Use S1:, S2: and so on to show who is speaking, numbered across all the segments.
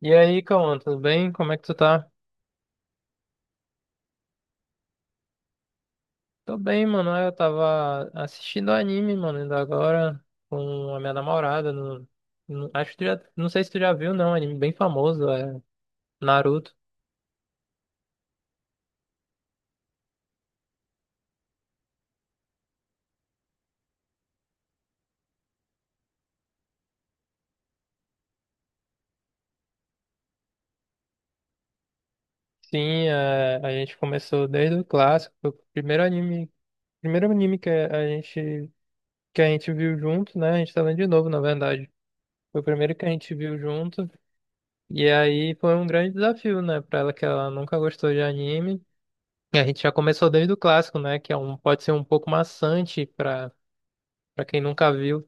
S1: E aí, Cauã, tudo bem? Como é que tu tá? Tô bem, mano. Eu tava assistindo anime, mano, ainda agora com a minha namorada. No, Acho que tu já, não sei se tu já viu, não. Anime bem famoso, é Naruto. Sim, é, a gente começou desde o clássico, foi o primeiro anime, primeiro anime que a gente que a gente viu junto, né? A gente tá vendo de novo, na verdade. Foi o primeiro que a gente viu junto. E aí foi um grande desafio, né, pra ela que ela nunca gostou de anime. E a gente já começou desde o clássico, né? Que é um, pode ser um pouco maçante para quem nunca viu.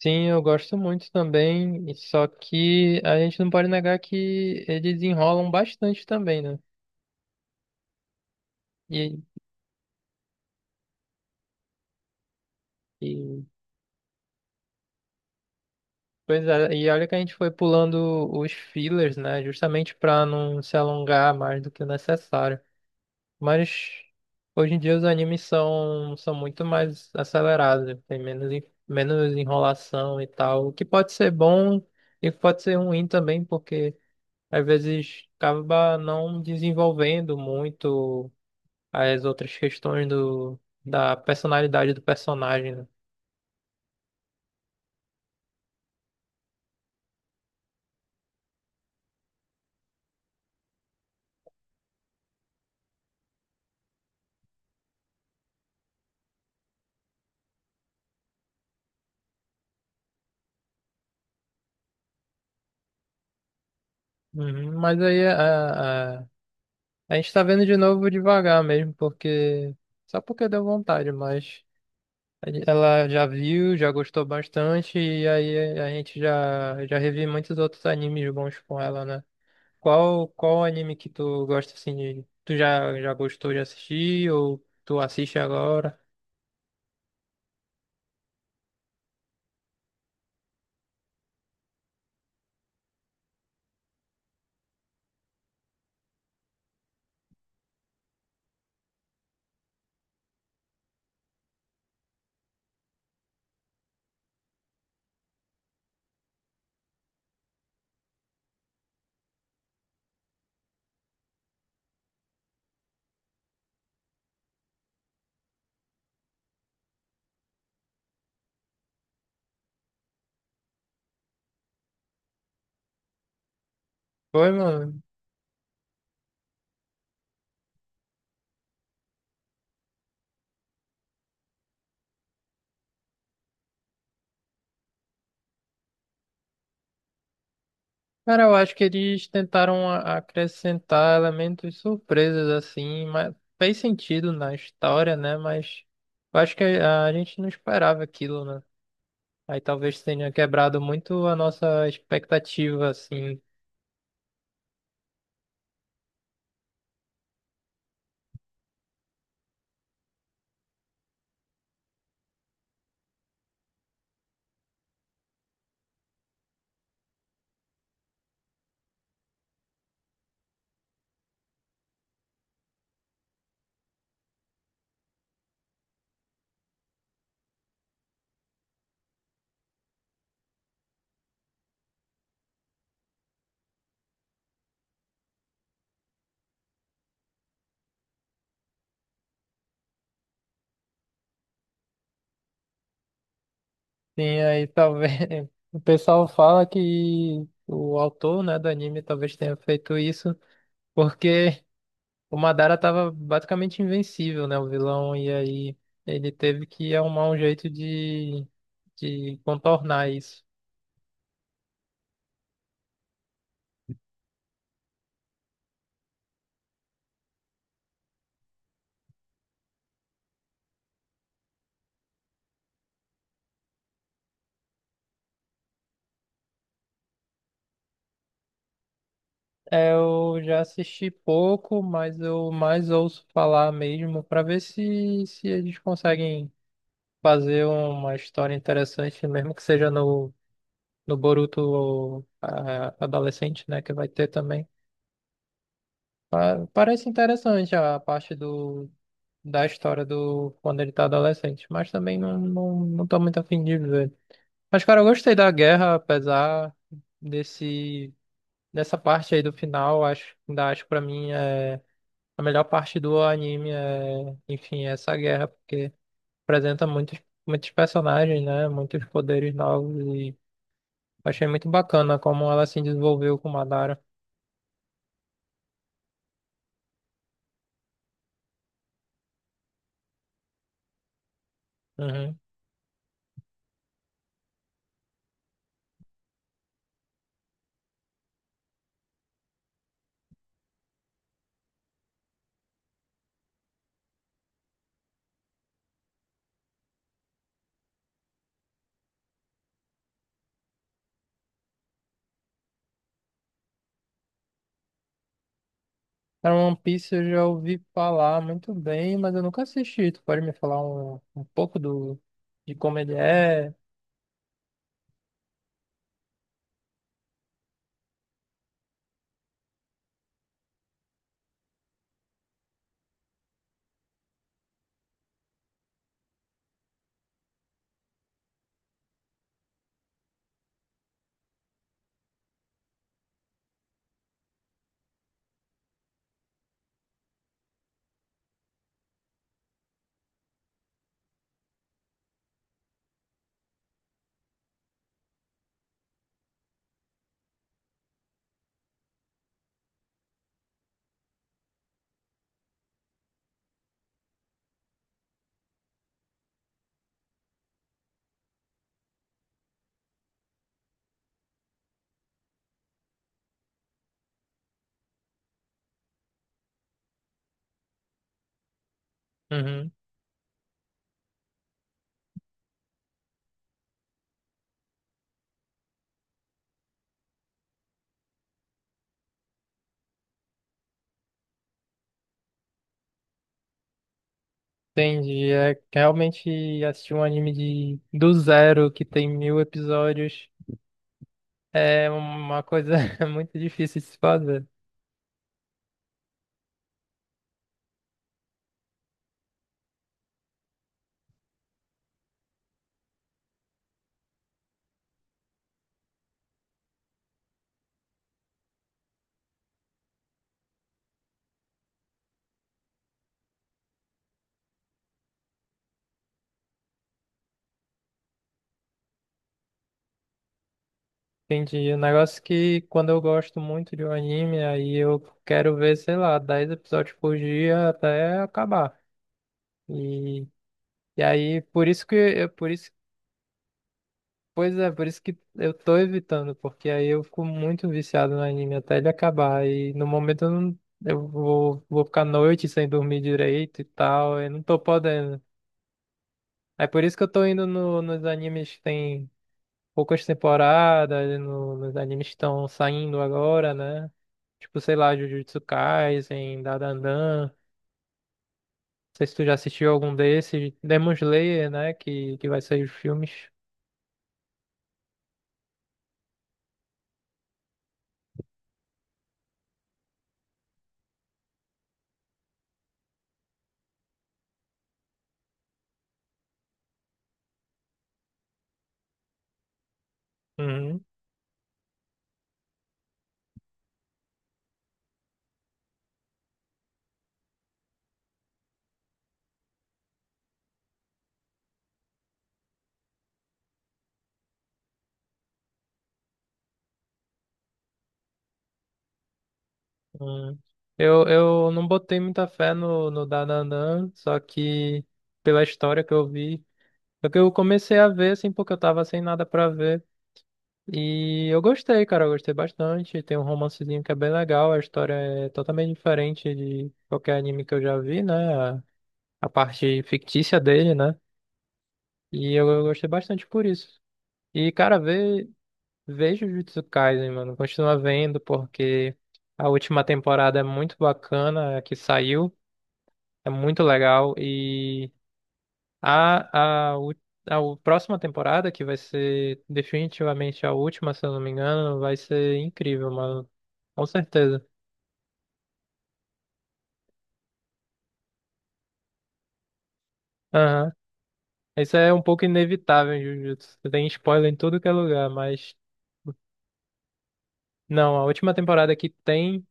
S1: Sim, eu gosto muito também, e só que a gente não pode negar que eles enrolam bastante também, né? E, e, pois é, e olha que a gente foi pulando os fillers, né? Justamente para não se alongar mais do que o necessário. Mas hoje em dia os animes são muito mais acelerados, né? Tem menos enrolação e tal, o que pode ser bom e pode ser ruim também, porque às vezes acaba não desenvolvendo muito as outras questões da personalidade do personagem, né? Uhum, mas aí a gente tá vendo de novo devagar mesmo, porque só porque deu vontade, mas. Ela já viu, já gostou bastante, e aí a gente já revi muitos outros animes bons com ela, né? Qual anime que tu gosta assim de. Tu já gostou de assistir ou tu assiste agora? Foi, mano. Cara, eu acho que eles tentaram acrescentar elementos surpresas assim, mas fez sentido na história, né? Mas eu acho que a gente não esperava aquilo, né? Aí talvez tenha quebrado muito a nossa expectativa, assim. Sim, aí talvez o pessoal fala que o autor, né, do anime talvez tenha feito isso porque o Madara tava basicamente invencível, né, o vilão, e aí ele teve que arrumar um jeito de contornar isso. É, eu já assisti pouco, mas eu mais ouço falar mesmo pra ver se eles conseguem fazer uma história interessante, mesmo que seja no Boruto adolescente, né, que vai ter também. Parece interessante a parte do, da história do quando ele tá adolescente, mas também não tô muito afim de ver. Mas, cara, eu gostei da guerra, apesar desse, dessa parte aí do final, acho, ainda acho pra mim é a melhor parte do anime é, enfim, é essa guerra, porque apresenta muitos, muitos personagens, né? Muitos poderes novos e achei muito bacana como ela se desenvolveu com Madara. Uhum. Cara, One Piece eu já ouvi falar muito bem, mas eu nunca assisti. Tu pode me falar um pouco do, de como ele é? Uhum. Entendi. É realmente assistir um anime de, do zero, que tem 1000 episódios, é uma coisa muito difícil de se fazer. Entendi. O negócio é que quando eu gosto muito de um anime, aí eu quero ver, sei lá, 10 episódios por dia até acabar. E, e aí, por isso que, por isso Pois é, por isso que eu tô evitando, porque aí eu fico muito viciado no anime até ele acabar. E no momento eu, não, eu vou ficar à noite sem dormir direito e tal, eu não tô podendo. É por isso que eu tô indo no, nos animes que tem poucas temporadas, nos animes que estão saindo agora, né? Tipo, sei lá, Jujutsu Kaisen, Dandadan. Não sei se tu já assistiu algum desses. Demon Slayer, né? Que vai sair os filmes. Uhum, uhum. Eu não botei muita fé no Dananã, só que pela história que eu vi. Só que eu comecei a ver, assim, porque eu tava sem nada pra ver. E eu gostei, cara, eu gostei bastante. Tem um romancezinho que é bem legal, a história é totalmente diferente de qualquer anime que eu já vi, né? A parte fictícia dele, né? E eu gostei bastante por isso. E, cara, vê. Vejo Jujutsu Kaisen, mano. Continua vendo porque a última temporada é muito bacana, a que saiu, é muito legal. E a, a, u- a próxima temporada, que vai ser definitivamente a última, se eu não me engano, vai ser incrível, mano. Com certeza. Aham. Isso é um pouco inevitável em Jujutsu. Tem spoiler em tudo que é lugar, mas não, a última temporada que tem.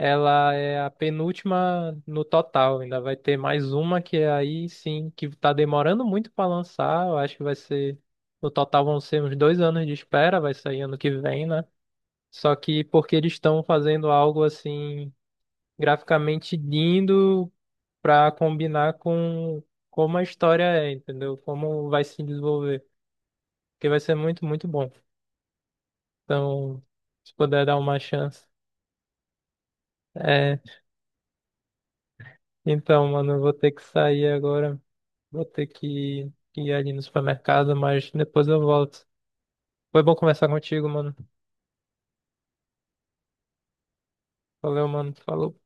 S1: Ela é a penúltima no total. Ainda vai ter mais uma que é aí sim, que tá demorando muito para lançar. Eu acho que vai ser. No total vão ser uns 2 anos de espera, vai sair ano que vem, né? Só que porque eles estão fazendo algo assim, graficamente lindo pra combinar com como a história é, entendeu? Como vai se desenvolver. Porque vai ser muito, muito bom. Então, se puder dar uma chance. É, então, mano, eu vou ter que sair agora. Vou ter que ir ali no supermercado, mas depois eu volto. Foi bom conversar contigo, mano. Valeu, mano. Falou.